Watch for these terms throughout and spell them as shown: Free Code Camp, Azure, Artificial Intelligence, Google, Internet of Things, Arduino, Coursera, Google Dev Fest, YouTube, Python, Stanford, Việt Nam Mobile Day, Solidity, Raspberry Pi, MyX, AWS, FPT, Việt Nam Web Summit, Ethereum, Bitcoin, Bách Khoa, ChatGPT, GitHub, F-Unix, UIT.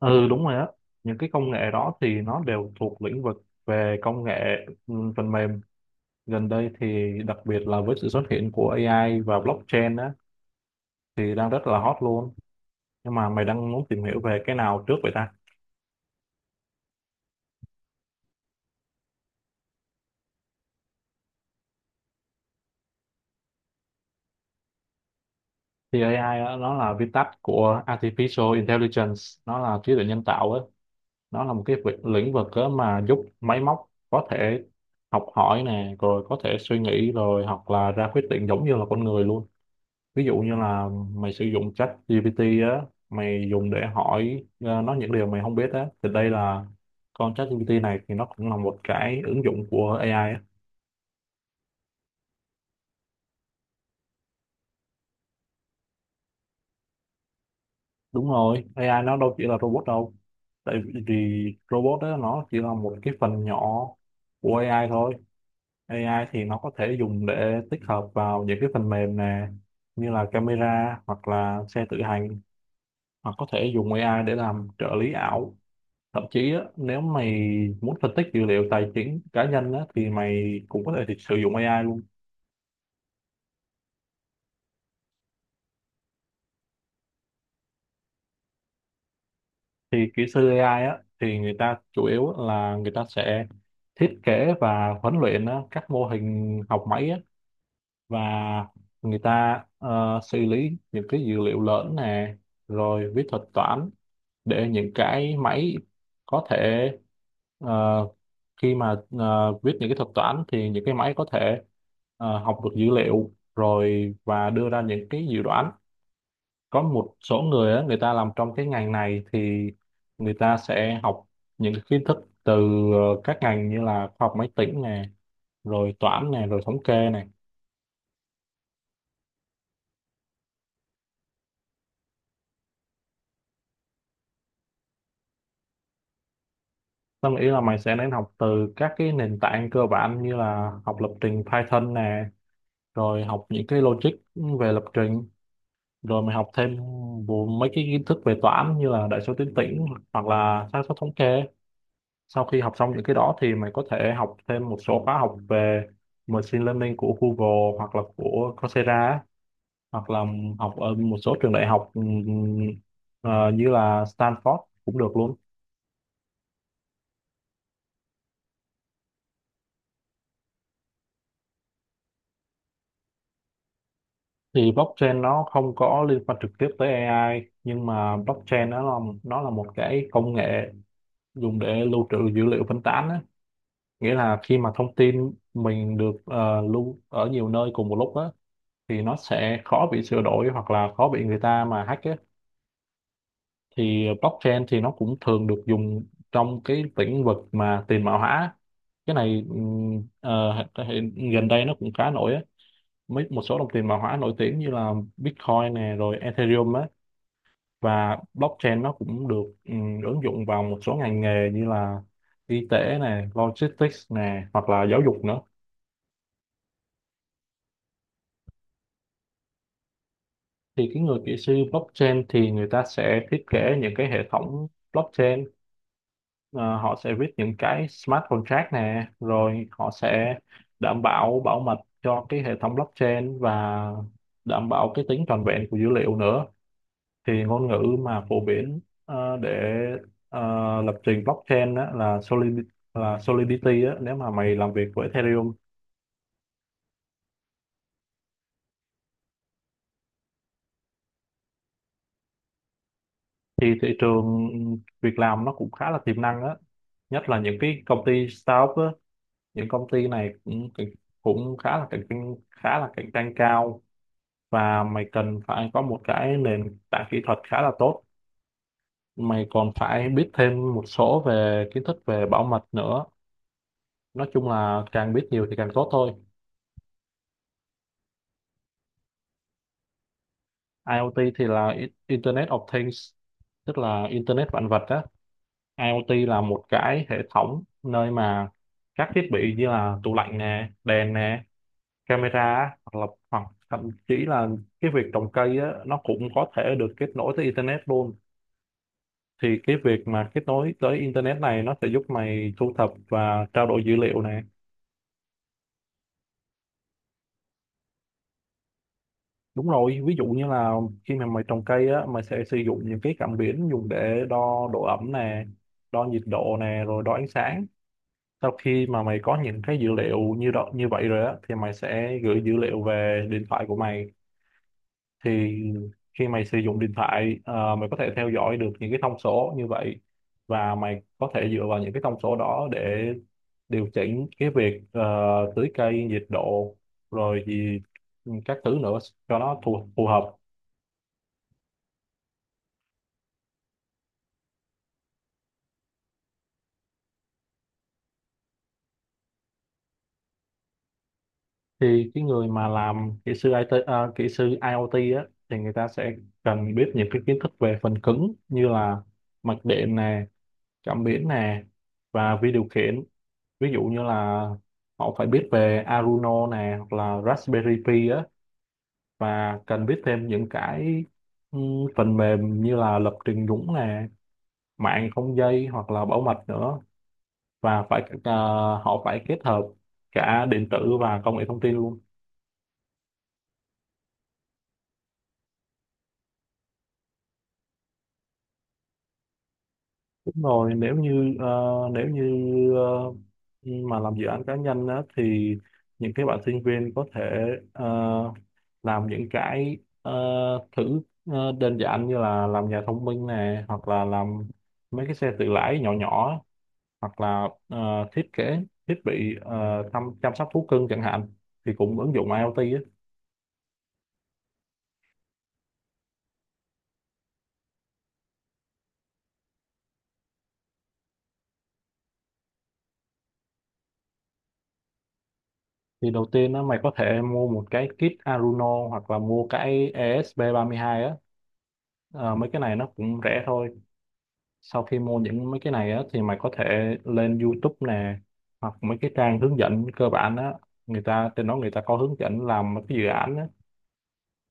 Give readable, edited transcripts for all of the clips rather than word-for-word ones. Ừ, đúng rồi á, những cái công nghệ đó thì nó đều thuộc lĩnh vực về công nghệ phần mềm. Gần đây thì đặc biệt là với sự xuất hiện của AI và blockchain á, thì đang rất là hot luôn. Nhưng mà mày đang muốn tìm hiểu về cái nào trước vậy ta? Thì AI á, nó là viết tắt của Artificial Intelligence, nó là trí tuệ nhân tạo á. Nó là một cái lĩnh vực á mà giúp máy móc có thể học hỏi nè, rồi có thể suy nghĩ rồi, hoặc là ra quyết định giống như là con người luôn. Ví dụ như là mày sử dụng chat GPT á, mày dùng để hỏi nó những điều mày không biết á, thì đây là con chat GPT này thì nó cũng là một cái ứng dụng của AI á. Đúng rồi, AI nó đâu chỉ là robot đâu. Tại vì robot đó nó chỉ là một cái phần nhỏ của AI thôi. AI thì nó có thể dùng để tích hợp vào những cái phần mềm nè, như là camera, hoặc là xe tự hành, hoặc có thể dùng AI để làm trợ lý ảo. Thậm chí á, nếu mày muốn phân tích dữ liệu tài chính cá nhân á, thì mày cũng có thể thì sử dụng AI luôn. Thì kỹ sư AI á, thì người ta chủ yếu là người ta sẽ thiết kế và huấn luyện á, các mô hình học máy á, và người ta xử lý những cái dữ liệu lớn nè, rồi viết thuật toán để những cái máy có thể ờ, khi mà viết những cái thuật toán thì những cái máy có thể học được dữ liệu, rồi và đưa ra những cái dự đoán. Có một số người á, người ta làm trong cái ngành này thì người ta sẽ học những cái kiến thức từ các ngành như là khoa học máy tính nè, rồi toán nè, rồi thống kê nè. Tao nghĩ là mày sẽ nên học từ các cái nền tảng cơ bản, như là học lập trình Python nè, rồi học những cái logic về lập trình, rồi mày học thêm vô mấy cái kiến thức về toán như là đại số tuyến tĩnh, hoặc là xác suất thống kê. Sau khi học xong những cái đó thì mày có thể học thêm một số khóa học về machine learning của Google, hoặc là của Coursera á. Hoặc là học ở một số trường đại học, như là Stanford cũng được luôn. Thì blockchain nó không có liên quan trực tiếp tới AI, nhưng mà blockchain nó là một cái công nghệ dùng để lưu trữ dữ liệu phân tán á. Nghĩa là khi mà thông tin mình được lưu ở nhiều nơi cùng một lúc á, thì nó sẽ khó bị sửa đổi, hoặc là khó bị người ta mà hack á. Thì blockchain thì nó cũng thường được dùng trong cái lĩnh vực mà tiền mã hóa. Cái này gần đây nó cũng khá nổi á. Một số đồng tiền mã hóa nổi tiếng như là Bitcoin nè, rồi Ethereum á. Và blockchain nó cũng được ứng dụng vào một số ngành nghề như là y tế nè, logistics nè, hoặc là giáo dục nữa. Thì cái người kỹ sư blockchain thì người ta sẽ thiết kế những cái hệ thống blockchain. Ờ, Họ sẽ viết những cái smart contract nè, rồi họ sẽ đảm bảo bảo mật cho cái hệ thống blockchain, và đảm bảo cái tính trọn vẹn của dữ liệu nữa. Thì ngôn ngữ mà phổ biến để ờ, lập trình blockchain á, là Solidity. Là Solidity á, nếu mà mày làm việc với Ethereum. Thì thị trường việc làm nó cũng khá là tiềm năng á, nhất là những cái công ty startup á, những công ty này cũng cũng khá là cạnh tranh khá là cạnh tranh cao. Và mày cần phải có một cái nền tảng kỹ thuật khá là tốt, mày còn phải biết thêm một số về kiến thức về bảo mật nữa. Nói chung là càng biết nhiều thì càng tốt thôi. IoT thì là Internet of Things, tức là Internet vạn vật á. IoT là một cái hệ thống nơi mà các thiết bị như là tủ lạnh nè, đèn nè, camera á, hoặc thậm chí là cái việc trồng cây á, nó cũng có thể được kết nối tới internet luôn. Thì cái việc mà kết nối tới internet này nó sẽ giúp mày thu thập và trao đổi dữ liệu này. Đúng rồi, ví dụ như là khi mà mày trồng cây á, mày sẽ sử dụng những cái cảm biến dùng để đo độ ẩm nè, đo nhiệt độ nè, rồi đo ánh sáng. Sau khi mà mày có những cái dữ liệu như vậy rồi á, thì mày sẽ gửi dữ liệu về điện thoại của mày. Thì khi mày sử dụng điện thoại, mày có thể theo dõi được những cái thông số như vậy, và mày có thể dựa vào những cái thông số đó để điều chỉnh cái việc tưới cây, nhiệt độ, rồi gì các thứ nữa cho nó phù hợp. Thì cái người mà làm kỹ sư kỹ sư IoT á, thì người ta sẽ cần biết những cái kiến thức về phần cứng như là mạch điện nè, cảm biến nè, và vi điều khiển. Ví dụ như là họ phải biết về Arduino nè, hoặc là Raspberry Pi á. Và cần biết thêm những cái ừ, phần mềm như là lập trình nhúng nè, mạng không dây, hoặc là bảo mật nữa. Và họ phải kết hợp cả điện tử và công nghệ thông tin luôn. Đúng rồi, nếu như nếu như ờ, mà làm dự án cá nhân á, thì những cái bạn sinh viên có thể ờ, làm những cái ờ, thử đơn giản như là làm nhà thông minh này, hoặc là làm mấy cái xe tự lái nhỏ nhỏ á, hoặc là thiết kế thiết bị chăm sóc thú cưng chẳng hạn, thì cũng ứng dụng IoT á. Thì đầu tiên á, mày có thể mua một cái kit Arduino, hoặc là mua cái esp hai á. Mấy cái này nó cũng rẻ thôi. Sau khi mua mấy cái này á thì mày có thể lên YouTube nè, hoặc mấy cái trang hướng dẫn cơ bản á, người ta trên đó người ta có hướng dẫn làm mấy cái dự án á.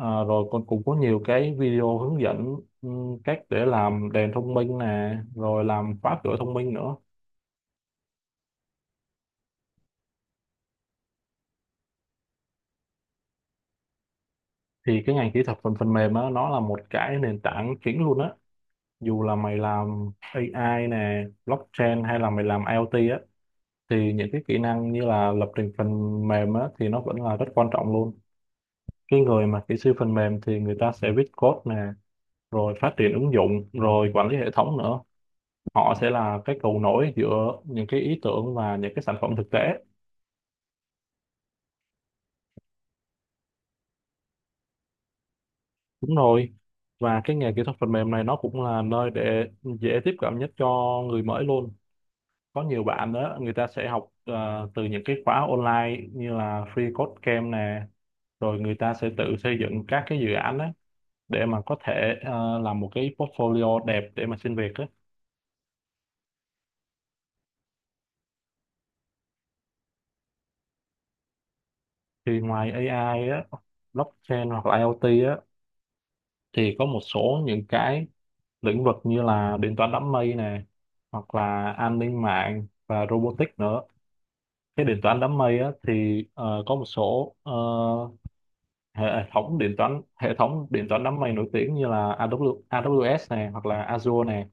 Ờ, Rồi còn cũng có nhiều cái video hướng dẫn, ừ, cách để làm đèn thông minh nè, rồi làm khóa cửa thông minh nữa. Thì cái ngành kỹ thuật phần phần mềm á, nó là một cái nền tảng chính luôn á. Dù là mày làm AI nè, blockchain, hay là mày làm IoT á, thì những cái kỹ năng như là lập trình phần mềm á thì nó vẫn là rất quan trọng luôn. Cái người mà kỹ sư phần mềm thì người ta sẽ viết code nè, rồi phát triển ứng dụng, rồi quản lý hệ thống nữa. Họ sẽ là cái cầu nối giữa những cái ý tưởng và những cái sản phẩm thực tế. Đúng rồi, và cái nghề kỹ thuật phần mềm này nó cũng là nơi để dễ tiếp cận nhất cho người mới luôn. Có nhiều bạn đó người ta sẽ học từ những cái khóa online như là Free Code Camp nè, rồi người ta sẽ tự xây dựng các cái dự án đó để mà có thể làm một cái portfolio đẹp để mà xin việc á. Thì ngoài AI á, blockchain, hoặc là IoT á, thì có một số những cái lĩnh vực như là điện toán đám mây nè, hoặc là an ninh mạng và robotics nữa. Cái điện toán đám mây á, thì có một số hệ hệ thống điện toán đám mây nổi tiếng như là AWS nè, hoặc là Azure nè.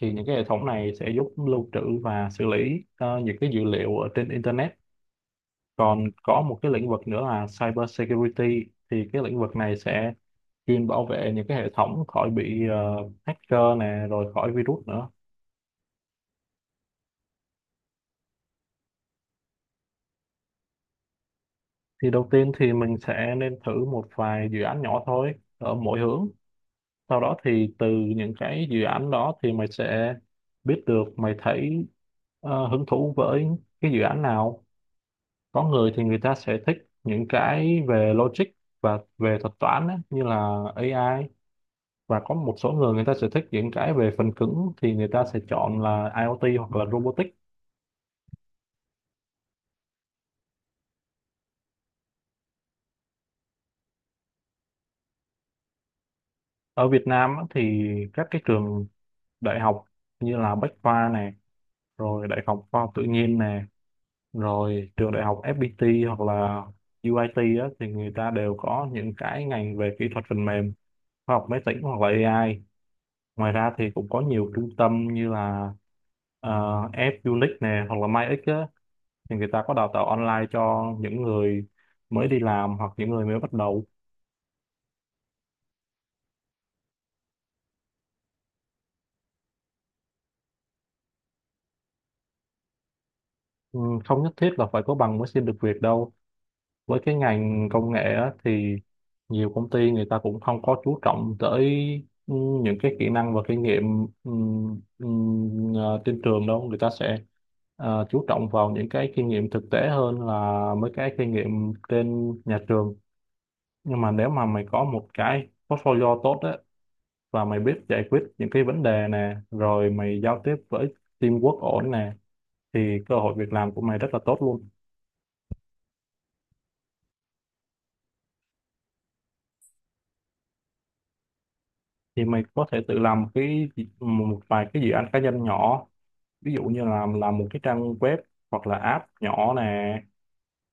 Thì những cái hệ thống này sẽ giúp lưu trữ và xử lý những cái dữ liệu ở trên internet. Còn có một cái lĩnh vực nữa là cyber security. Thì cái lĩnh vực này sẽ chuyên bảo vệ những cái hệ thống khỏi bị hacker nè, rồi khỏi virus nữa. Thì đầu tiên thì mình sẽ nên thử một vài dự án nhỏ thôi ở mỗi hướng. Sau đó thì từ những cái dự án đó thì mày sẽ biết được mày thấy hứng thú với cái dự án nào. Có người thì người ta sẽ thích những cái về logic và về thuật toán á, như là AI. Và có một số người người ta sẽ thích những cái về phần cứng thì người ta sẽ chọn là IoT hoặc là robotics. Ở Việt Nam á, thì các cái trường đại học như là Bách Khoa này, rồi Đại học Khoa học Tự nhiên này, rồi trường đại học FPT hoặc là UIT á, thì người ta đều có những cái ngành về kỹ thuật phần mềm, khoa học máy tính hoặc là AI. Ngoài ra thì cũng có nhiều trung tâm như là F-Unix này hoặc là MyX á, thì người ta có đào tạo online cho những người mới đi làm hoặc những người mới bắt đầu. Ừ, không nhất thiết là phải có bằng mới xin được việc đâu. Với cái ngành công nghệ á, thì nhiều công ty người ta cũng không có chú trọng tới ừ, những cái kỹ năng và kinh nghiệm ừ, trên trường đâu, người ta sẽ chú trọng vào những cái kinh nghiệm thực tế hơn là mấy cái kinh nghiệm trên nhà trường. Nhưng mà nếu mà mày có một cái portfolio tốt á, và mày biết giải quyết những cái vấn đề nè, rồi mày giao tiếp với teamwork ổn nè, thì cơ hội việc làm của mày rất là tốt luôn. Thì mày có thể tự làm cái một vài cái dự án cá nhân nhỏ, ví dụ như là làm một cái trang web hoặc là app nhỏ nè,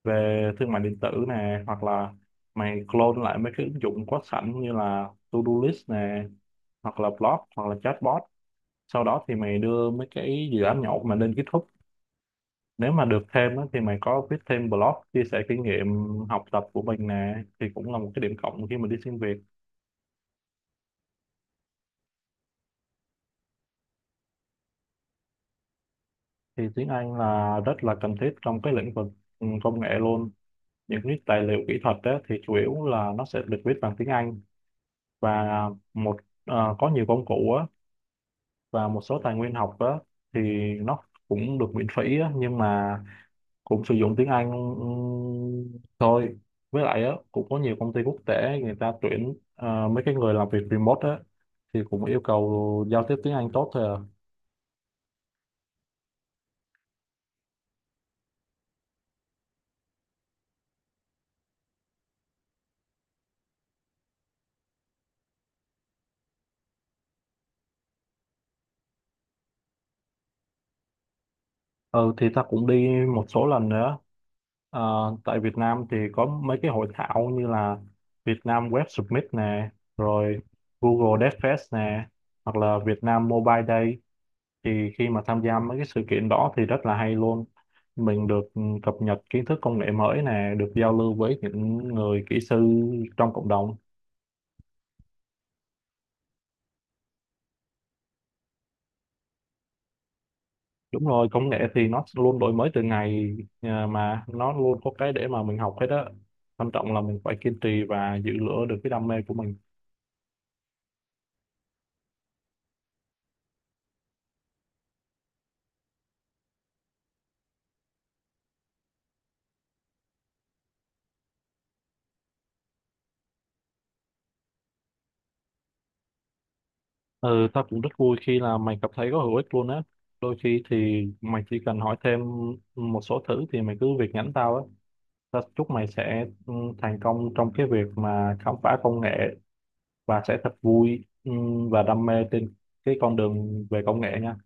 về thương mại điện tử nè, hoặc là mày clone lại mấy cái ứng dụng có sẵn như là to-do list nè, hoặc là blog hoặc là chatbot. Sau đó thì mày đưa mấy cái dự án nhỏ của mình lên GitHub. Nếu mà được thêm á, thì mày có viết thêm blog chia sẻ kinh nghiệm học tập của mình nè, thì cũng là một cái điểm cộng khi mà đi xin việc. Thì tiếng Anh là rất là cần thiết trong cái lĩnh vực công nghệ luôn. Những cái tài liệu kỹ thuật á, thì chủ yếu là nó sẽ được viết bằng tiếng Anh. Và một, có nhiều công cụ á, và một số tài nguyên học á, thì nó cũng được miễn phí á, nhưng mà cũng sử dụng tiếng Anh thôi. Với lại á, cũng có nhiều công ty quốc tế người ta tuyển mấy cái người làm việc remote á, thì cũng yêu cầu giao tiếp tiếng Anh tốt thôi à. Ừ, thì ta cũng đi một số lần nữa. Ờ, tại Việt Nam thì có mấy cái hội thảo như là Việt Nam Web Summit nè, rồi Google Dev Fest nè, hoặc là Việt Nam Mobile Day. Thì khi mà tham gia mấy cái sự kiện đó thì rất là hay luôn. Mình được cập nhật kiến thức công nghệ mới nè, được giao lưu với những người kỹ sư trong cộng đồng. Đúng rồi, công nghệ thì nó luôn đổi mới từ ngày mà nó luôn có cái để mà mình học hết á. Quan trọng là mình phải kiên trì và giữ lửa được cái đam mê của mình. Ừ, tao cũng rất vui khi là mày cảm thấy có hữu ích luôn á. Đôi khi thì mày chỉ cần hỏi thêm một số thứ thì mày cứ việc nhắn tao á. Tao chúc mày sẽ thành công trong cái việc mà khám phá công nghệ và sẽ thật vui, và đam mê trên cái con đường về công nghệ nha.